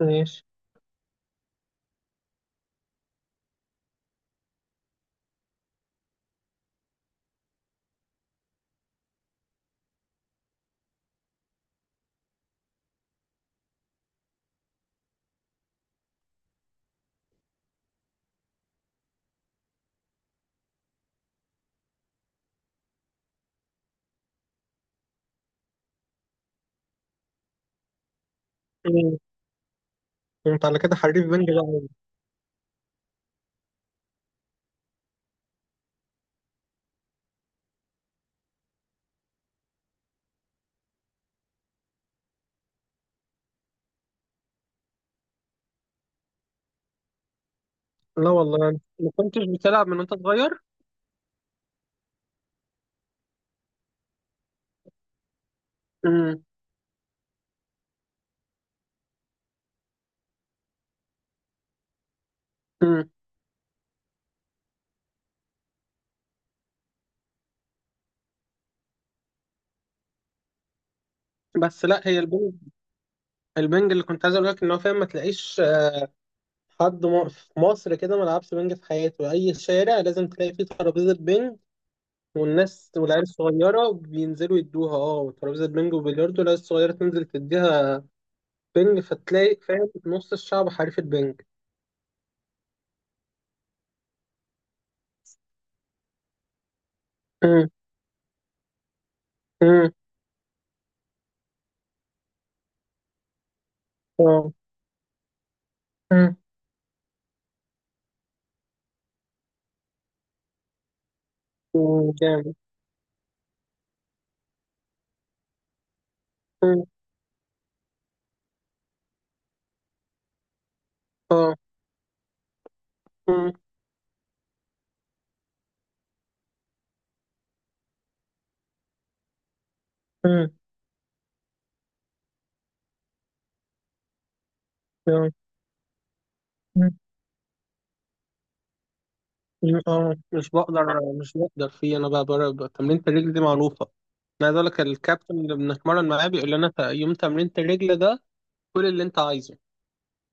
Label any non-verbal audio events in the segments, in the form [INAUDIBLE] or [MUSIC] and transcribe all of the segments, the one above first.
ماشي. مم. انت على كده حريف بنج بقى أوي. لا والله أنا ما كنتش بتلعب من وانت صغير. امم امم بس لا، هي البنج، اللي كنت عايز اقول لك ان هو فاهم، ما تلاقيش حد في مصر كده ما لعبش بنج في حياته. اي شارع لازم تلاقي فيه ترابيزه بنج والناس، والعيال الصغيره بينزلوا يدوها ترابيزه بنج وبلياردو، العيال الصغيره تنزل تديها بنج، فتلاقي فاهم نص الشعب حريف البنج. امم امم اه. امم جامد. امم اه. امم امم اه، مش بقدر، مش بقدر فيه انا بقى. بقى تمرينة الرجل دي معروفة. انا عايز اقول لك الكابتن اللي بنتمرن معاه بيقول لنا يوم تمرينة الرجل ده كل اللي انت عايزه.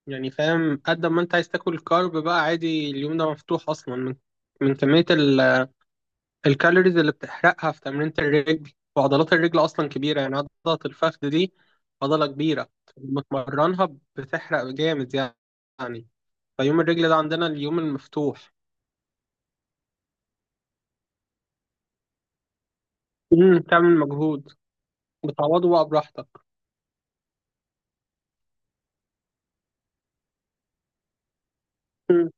يعني فاهم، قد ما انت عايز تاكل كارب بقى عادي، اليوم ده مفتوح اصلا من كمية الكالوريز اللي بتحرقها في تمرينة الرجل، وعضلات الرجل اصلا كبيرة، يعني عضلة الفخذ دي عضلة كبيرة، لما تمرنها بتحرق جامد. يعني فيوم الرجل ده عندنا اليوم المفتوح. تعمل مجهود بتعوضه بقى براحتك. مم.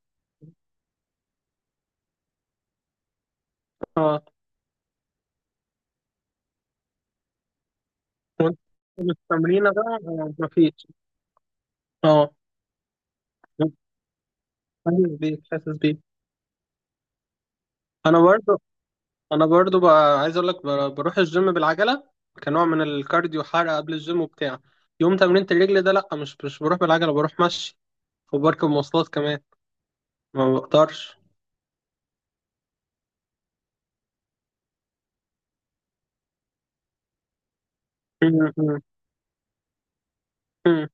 اه. وانت التمرين بقى مفيش. اه، حاسس بيك، حاسس بيك. انا برضو، بقى عايز اقول لك بروح الجيم بالعجله كنوع من الكارديو، حرق قبل الجيم وبتاع. يوم تمرينة الرجل ده لا، مش بروح بالعجله، بروح مشي وبركب مواصلات كمان، ما بقدرش. مم. مم. مم.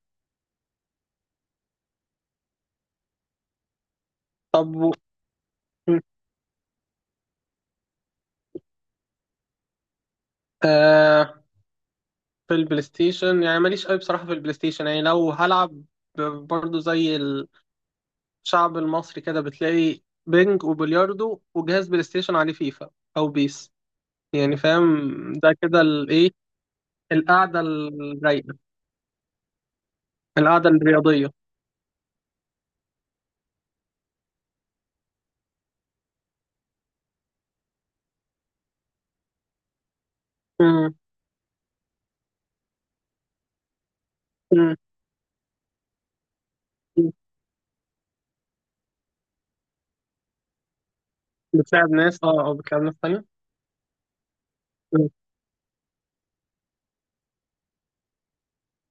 طب، مم. آه في البلاي ستيشن يعني ماليش قوي بصراحه. في البلاي ستيشن يعني لو هلعب برضو زي الشعب المصري كده، بتلاقي بينج وبلياردو وجهاز بلاي ستيشن عليه فيفا او بيس. يعني فاهم ده كده الايه، القعده الرايقه، القعده الرياضيه. مم. مم. مم. بتلعب ناس، اه اه، بتلعب ناس تانية. مم.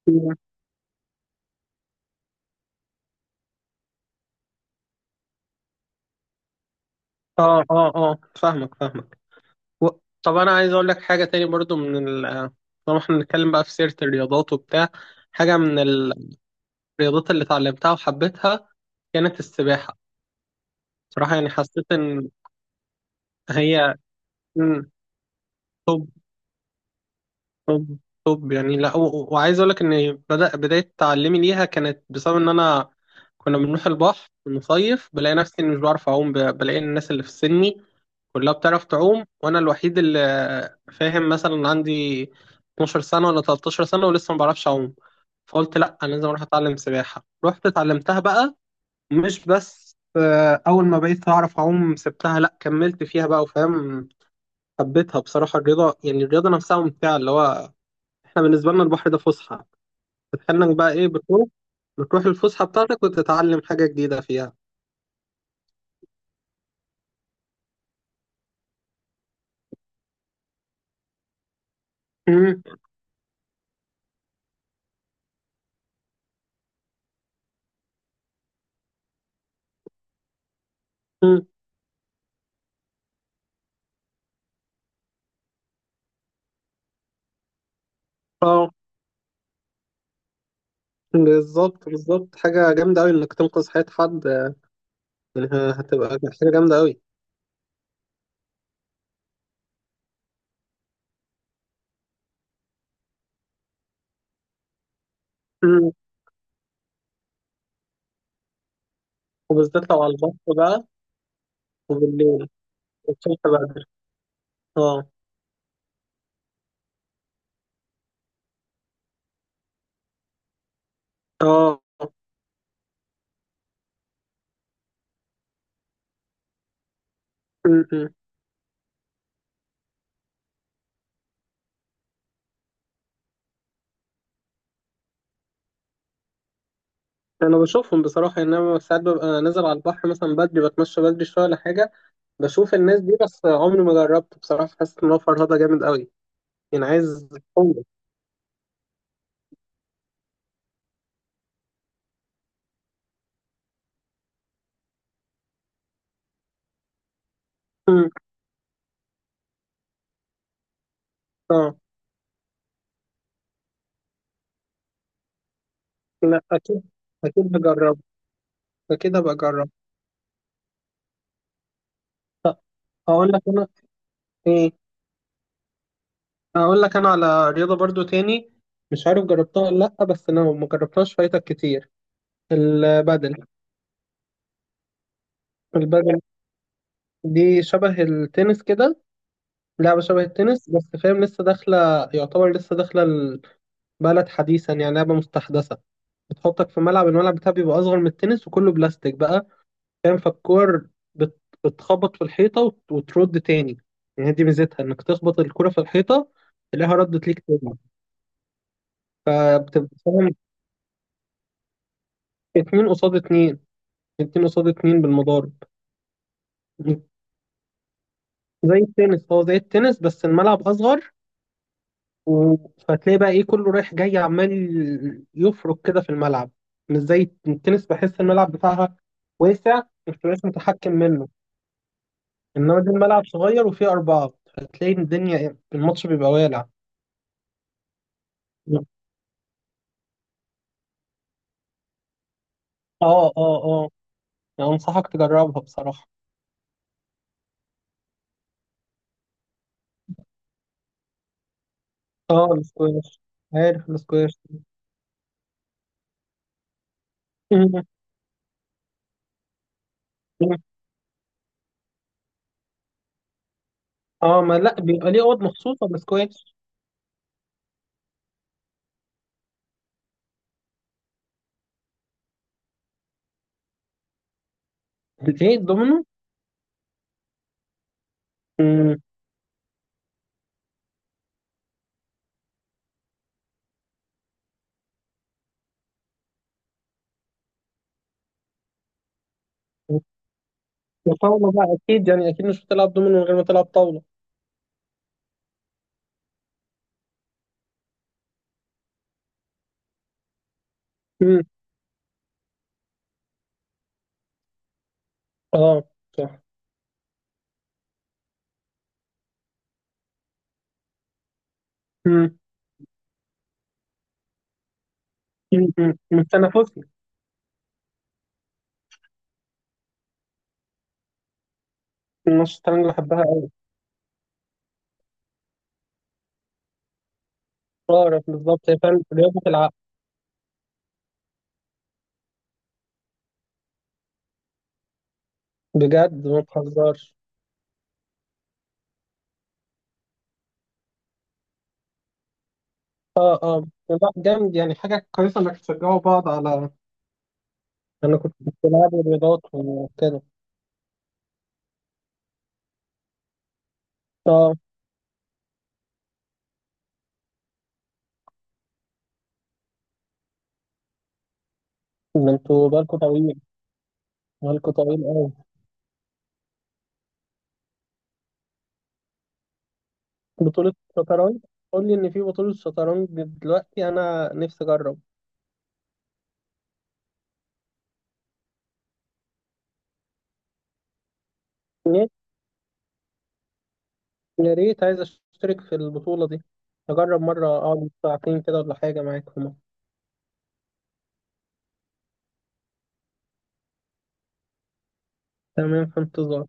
مم. اه اه اه، فاهمك، فاهمك. و... طب، انا عايز اقول لك حاجه تاني برضو من ال طالما احنا بنتكلم بقى في سيره الرياضات وبتاع. حاجه من الرياضات اللي اتعلمتها وحبيتها كانت السباحه. صراحه يعني حسيت ان هي... مم. طب طب يعني لا، وعايز اقول لك ان بدأ بداية تعلمي ليها كانت بسبب ان انا كنا بنروح البحر نصيف، بلاقي نفسي إني مش بعرف اعوم، بلاقي الناس اللي في سني كلها بتعرف تعوم، وانا الوحيد اللي فاهم، مثلا عندي 12 سنة ولا 13 سنة ولسه ما بعرفش اعوم. فقلت لا، انا لازم اروح اتعلم سباحة، رحت اتعلمتها بقى. مش بس، اول ما بقيت اعرف اعوم سبتها، لا كملت فيها بقى، وفاهم، حبيتها بصراحة الرياضة. يعني الرياضة نفسها ممتعة، اللي هو احنا بالنسبة لنا البحر ده فسحة، بتحنك بقى ايه، بتروح، الفسحة بتاعتك وتتعلم حاجة جديدة فيها. مم. مم. اه، بالظبط، بالظبط، حاجة جامدة أوي إنك تنقذ حياة حد. يعني هتبقى حاجة جامدة أوي. مم. وبالذات لو على البحر بقى، وبالليل، الصبح بدري. اه اه. مم. مم. أنا بشوفهم بصراحة، إن أنا ساعات ببقى نازل على البحر مثلا بدري، بتمشى بدري شوية ولا حاجة، بشوف الناس دي، بس عمري ما جربت بصراحة. حاسس إن هو فرهدة جامد أوي، يعني عايز قوة. مم. اه، لا اكيد. اكيد هجرب، اكيد هبقى اجرب. هقول لك انا ايه، هقول لك انا على رياضه برضو تاني، مش عارف جربتها ولا لا، بس انا ما جربتهاش فايتك كتير. البادل، البادل دي شبه التنس كده. لعبه شبه التنس، بس فاهم لسه داخله، يعتبر لسه داخله البلد حديثا، يعني لعبه مستحدثه. بتحطك في ملعب، بتاعها بيبقى اصغر من التنس، وكله بلاستيك بقى فاهم. فالكور بتخبط في الحيطة وترد تاني، يعني هي دي ميزتها انك تخبط الكرة في الحيطة تلاقيها ردت ليك تاني. فبتبقى فاهم، اتنين قصاد اتنين، اتنين قصاد اتنين بالمضارب. زي التنس، هو زي التنس بس الملعب أصغر. و... فتلاقي بقى ايه كله رايح جاي عمال يفرك كده في الملعب، مش زي التنس، بحس الملعب بتاعها واسع، مش بتبقاش متحكم منه، انما دي الملعب صغير وفيه أربعة، فتلاقي الدنيا إيه، الماتش بيبقى والع. اه اه اه، يعني انصحك تجربها بصراحة. اه، السكواش، عارف السكواش. [LAUGHS] مم. مم. اه، ما لا، بيبقى ليه اوض مخصوصه للسكواش. الايه، الدومينو. مم. الطاوله بقى اكيد، يعني اكيد مش بتلعب دومينو من غير ما تلعب طاوله. مم. اه، صح. مم. مم. مم. مش تنافسي. الناس، الشطرنج بحبها قوي. بعرف بالظبط، هي فعلا رياضه العقل. بجد، ما تهزرش. اه اه، لا جامد، يعني حاجه كويسه انك تشجعوا بعض على... انا كنت بلعب رياضات وكده. اه، ده انتوا بالكوا طويل، بالكوا طويل قوي. بطولة شطرنج؟ قول لي ان في بطولة شطرنج دلوقتي، انا نفسي اجرب. يا يا ريت، عايز اشترك في البطولة دي، اجرب مرة اقعد ساعتين كده ولا حاجة معاكم. تمام، في انتظار.